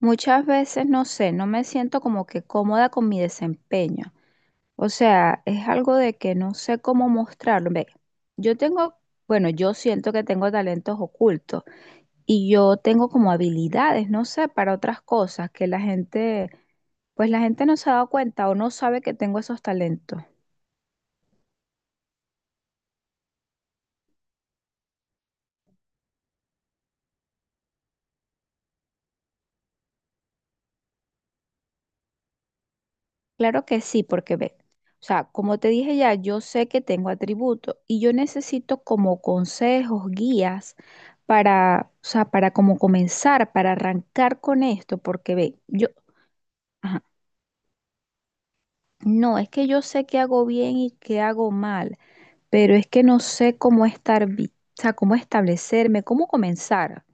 Muchas veces, no sé, no me siento como que cómoda con mi desempeño. O sea, es algo de que no sé cómo mostrarlo. Ve, yo tengo, bueno, yo siento que tengo talentos ocultos y yo tengo como habilidades, no sé, para otras cosas que la gente, pues la gente no se ha dado cuenta o no sabe que tengo esos talentos. Claro que sí, porque ve, o sea, como te dije ya, yo sé que tengo atributos y yo necesito como consejos, guías para, o sea, para como comenzar, para arrancar con esto, porque ve, yo, ajá, no, es que yo sé qué hago bien y qué hago mal, pero es que no sé cómo estar, o sea, cómo establecerme, cómo comenzar.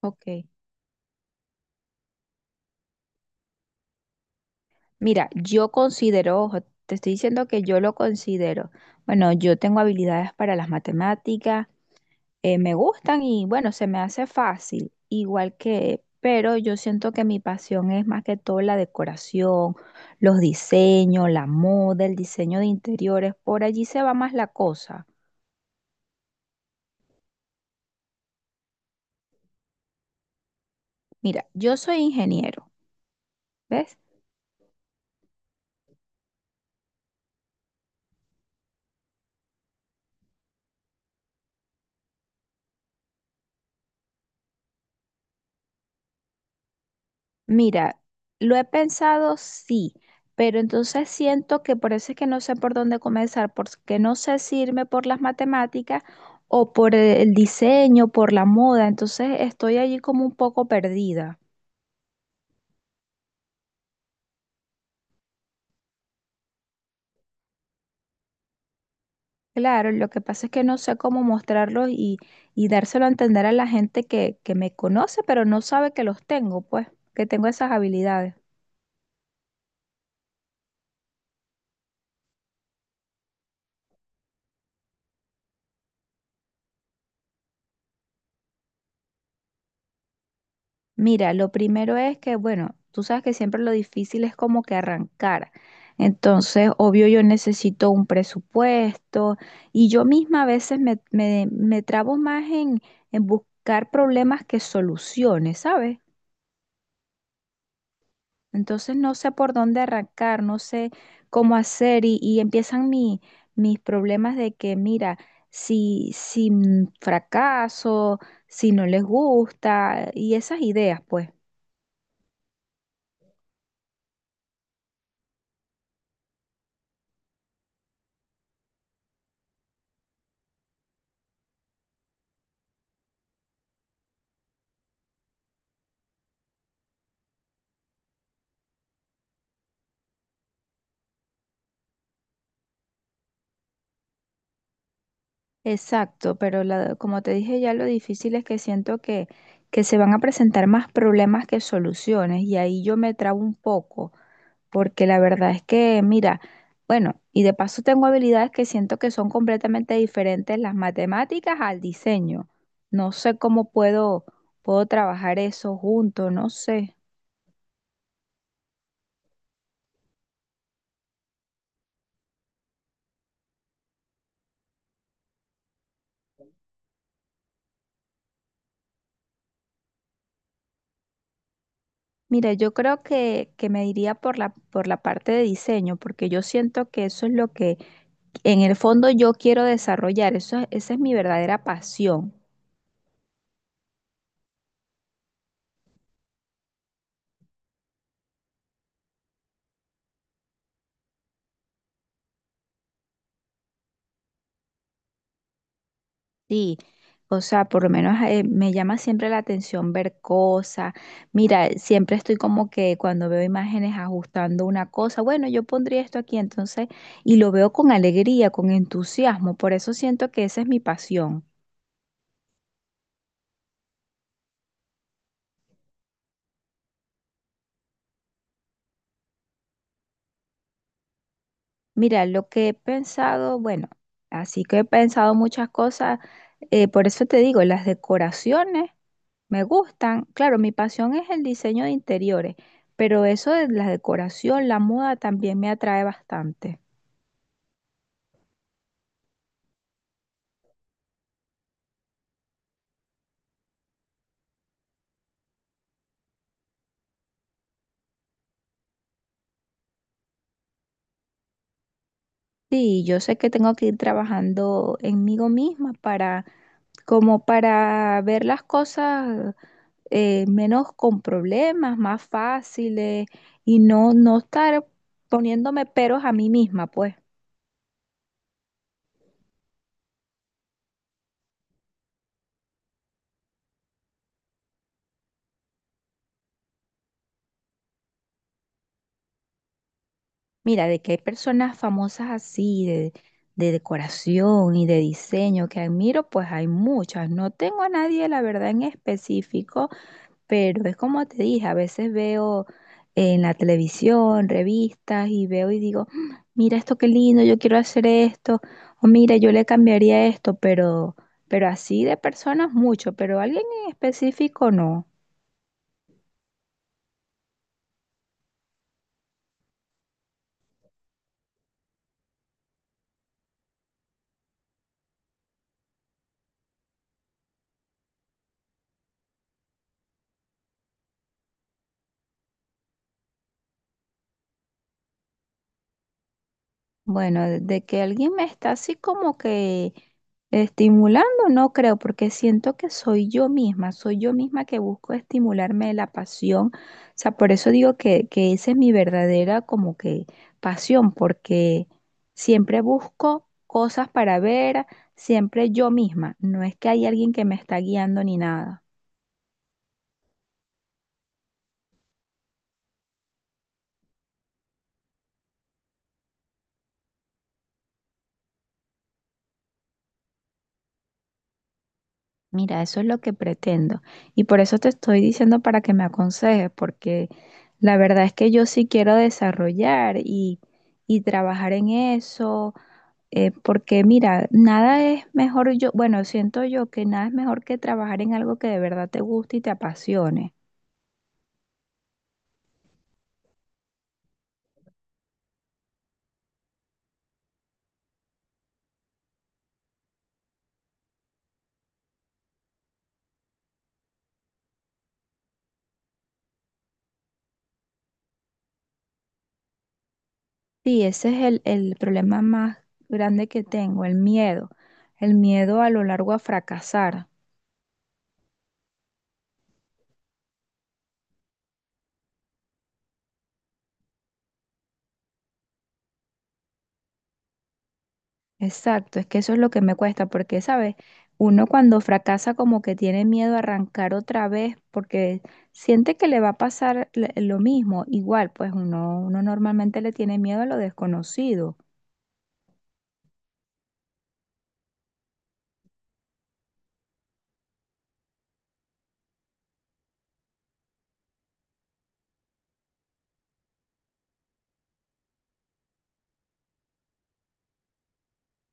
Ok, mira, yo considero, ojo, te estoy diciendo que yo lo considero. Bueno, yo tengo habilidades para las matemáticas, me gustan y bueno, se me hace fácil, igual que, pero yo siento que mi pasión es más que todo la decoración, los diseños, la moda, el diseño de interiores, por allí se va más la cosa. Mira, yo soy ingeniero, ¿ves? Mira, lo he pensado sí, pero entonces siento que por eso es que no sé por dónde comenzar, porque no sé si irme por las matemáticas o por el diseño, por la moda, entonces estoy allí como un poco perdida. Claro, lo que pasa es que no sé cómo mostrarlos y dárselo a entender a la gente que me conoce, pero no sabe que los tengo, pues, que tengo esas habilidades. Mira, lo primero es que, bueno, tú sabes que siempre lo difícil es como que arrancar. Entonces, obvio, yo necesito un presupuesto y yo misma a veces me trabo más en buscar problemas que soluciones, ¿sabes? Entonces no sé por dónde arrancar, no sé cómo hacer y empiezan mis problemas de que, mira, si fracaso, si no les gusta y esas ideas, pues. Exacto, pero como te dije ya, lo difícil es que siento que se van a presentar más problemas que soluciones y ahí yo me trabo un poco. Porque la verdad es que, mira, bueno, y de paso tengo habilidades que siento que son completamente diferentes las matemáticas al diseño. No sé cómo puedo, puedo trabajar eso junto, no sé. Mira, yo creo que me iría por la parte de diseño, porque yo siento que eso es lo que en el fondo yo quiero desarrollar, eso, esa es mi verdadera pasión. Sí, o sea, por lo menos me llama siempre la atención ver cosas. Mira, siempre estoy como que cuando veo imágenes ajustando una cosa, bueno, yo pondría esto aquí entonces, y lo veo con alegría, con entusiasmo, por eso siento que esa es mi pasión. Mira, lo que he pensado, bueno, así que he pensado muchas cosas, por eso te digo, las decoraciones me gustan. Claro, mi pasión es el diseño de interiores, pero eso de la decoración, la moda también me atrae bastante. Sí, yo sé que tengo que ir trabajando en mí misma para, como para ver las cosas, menos con problemas, más fáciles y no, no estar poniéndome peros a mí misma, pues. Mira, de que hay personas famosas así, de decoración y de diseño que admiro, pues hay muchas. No tengo a nadie, la verdad, en específico, pero es como te dije, a veces veo en la televisión, revistas y veo y digo, "Mm, mira esto qué lindo, yo quiero hacer esto, o mira, yo le cambiaría esto, pero así de personas mucho, pero alguien en específico no". Bueno, de que alguien me está así como que estimulando, no creo, porque siento que soy yo misma que busco estimularme la pasión. O sea, por eso digo que esa es mi verdadera como que pasión, porque siempre busco cosas para ver, siempre yo misma. No es que hay alguien que me está guiando ni nada. Mira, eso es lo que pretendo. Y por eso te estoy diciendo para que me aconsejes, porque... La verdad es que yo sí quiero desarrollar y trabajar en eso, porque mira, nada es mejor yo, bueno, siento yo que nada es mejor que trabajar en algo que de verdad te guste y te apasione. Sí, ese es el problema más grande que tengo, el miedo a lo largo a fracasar. Exacto, es que eso es lo que me cuesta, porque, ¿sabes? Uno cuando fracasa como que tiene miedo a arrancar otra vez porque siente que le va a pasar lo mismo. Igual, pues uno, uno normalmente le tiene miedo a lo desconocido.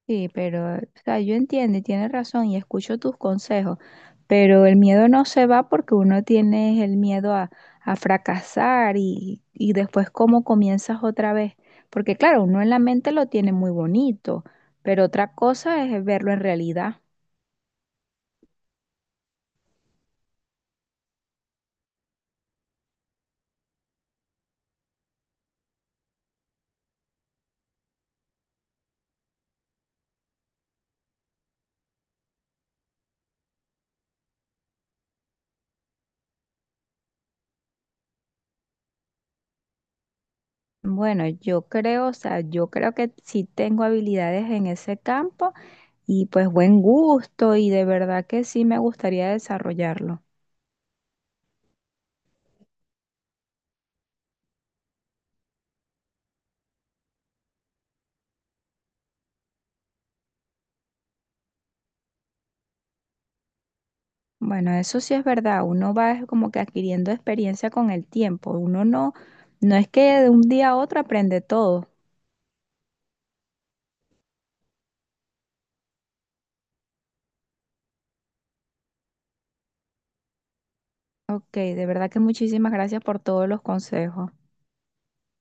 Sí, pero, o sea, yo entiendo y tienes razón y escucho tus consejos. Pero el miedo no se va porque uno tiene el miedo a fracasar y después cómo comienzas otra vez. Porque claro, uno en la mente lo tiene muy bonito, pero otra cosa es verlo en realidad. Bueno, yo creo, o sea, yo creo que sí tengo habilidades en ese campo y pues buen gusto y de verdad que sí me gustaría desarrollarlo. Bueno, eso sí es verdad, uno va es como que adquiriendo experiencia con el tiempo, uno no, no es que de un día a otro aprende todo. Ok, de verdad que muchísimas gracias por todos los consejos.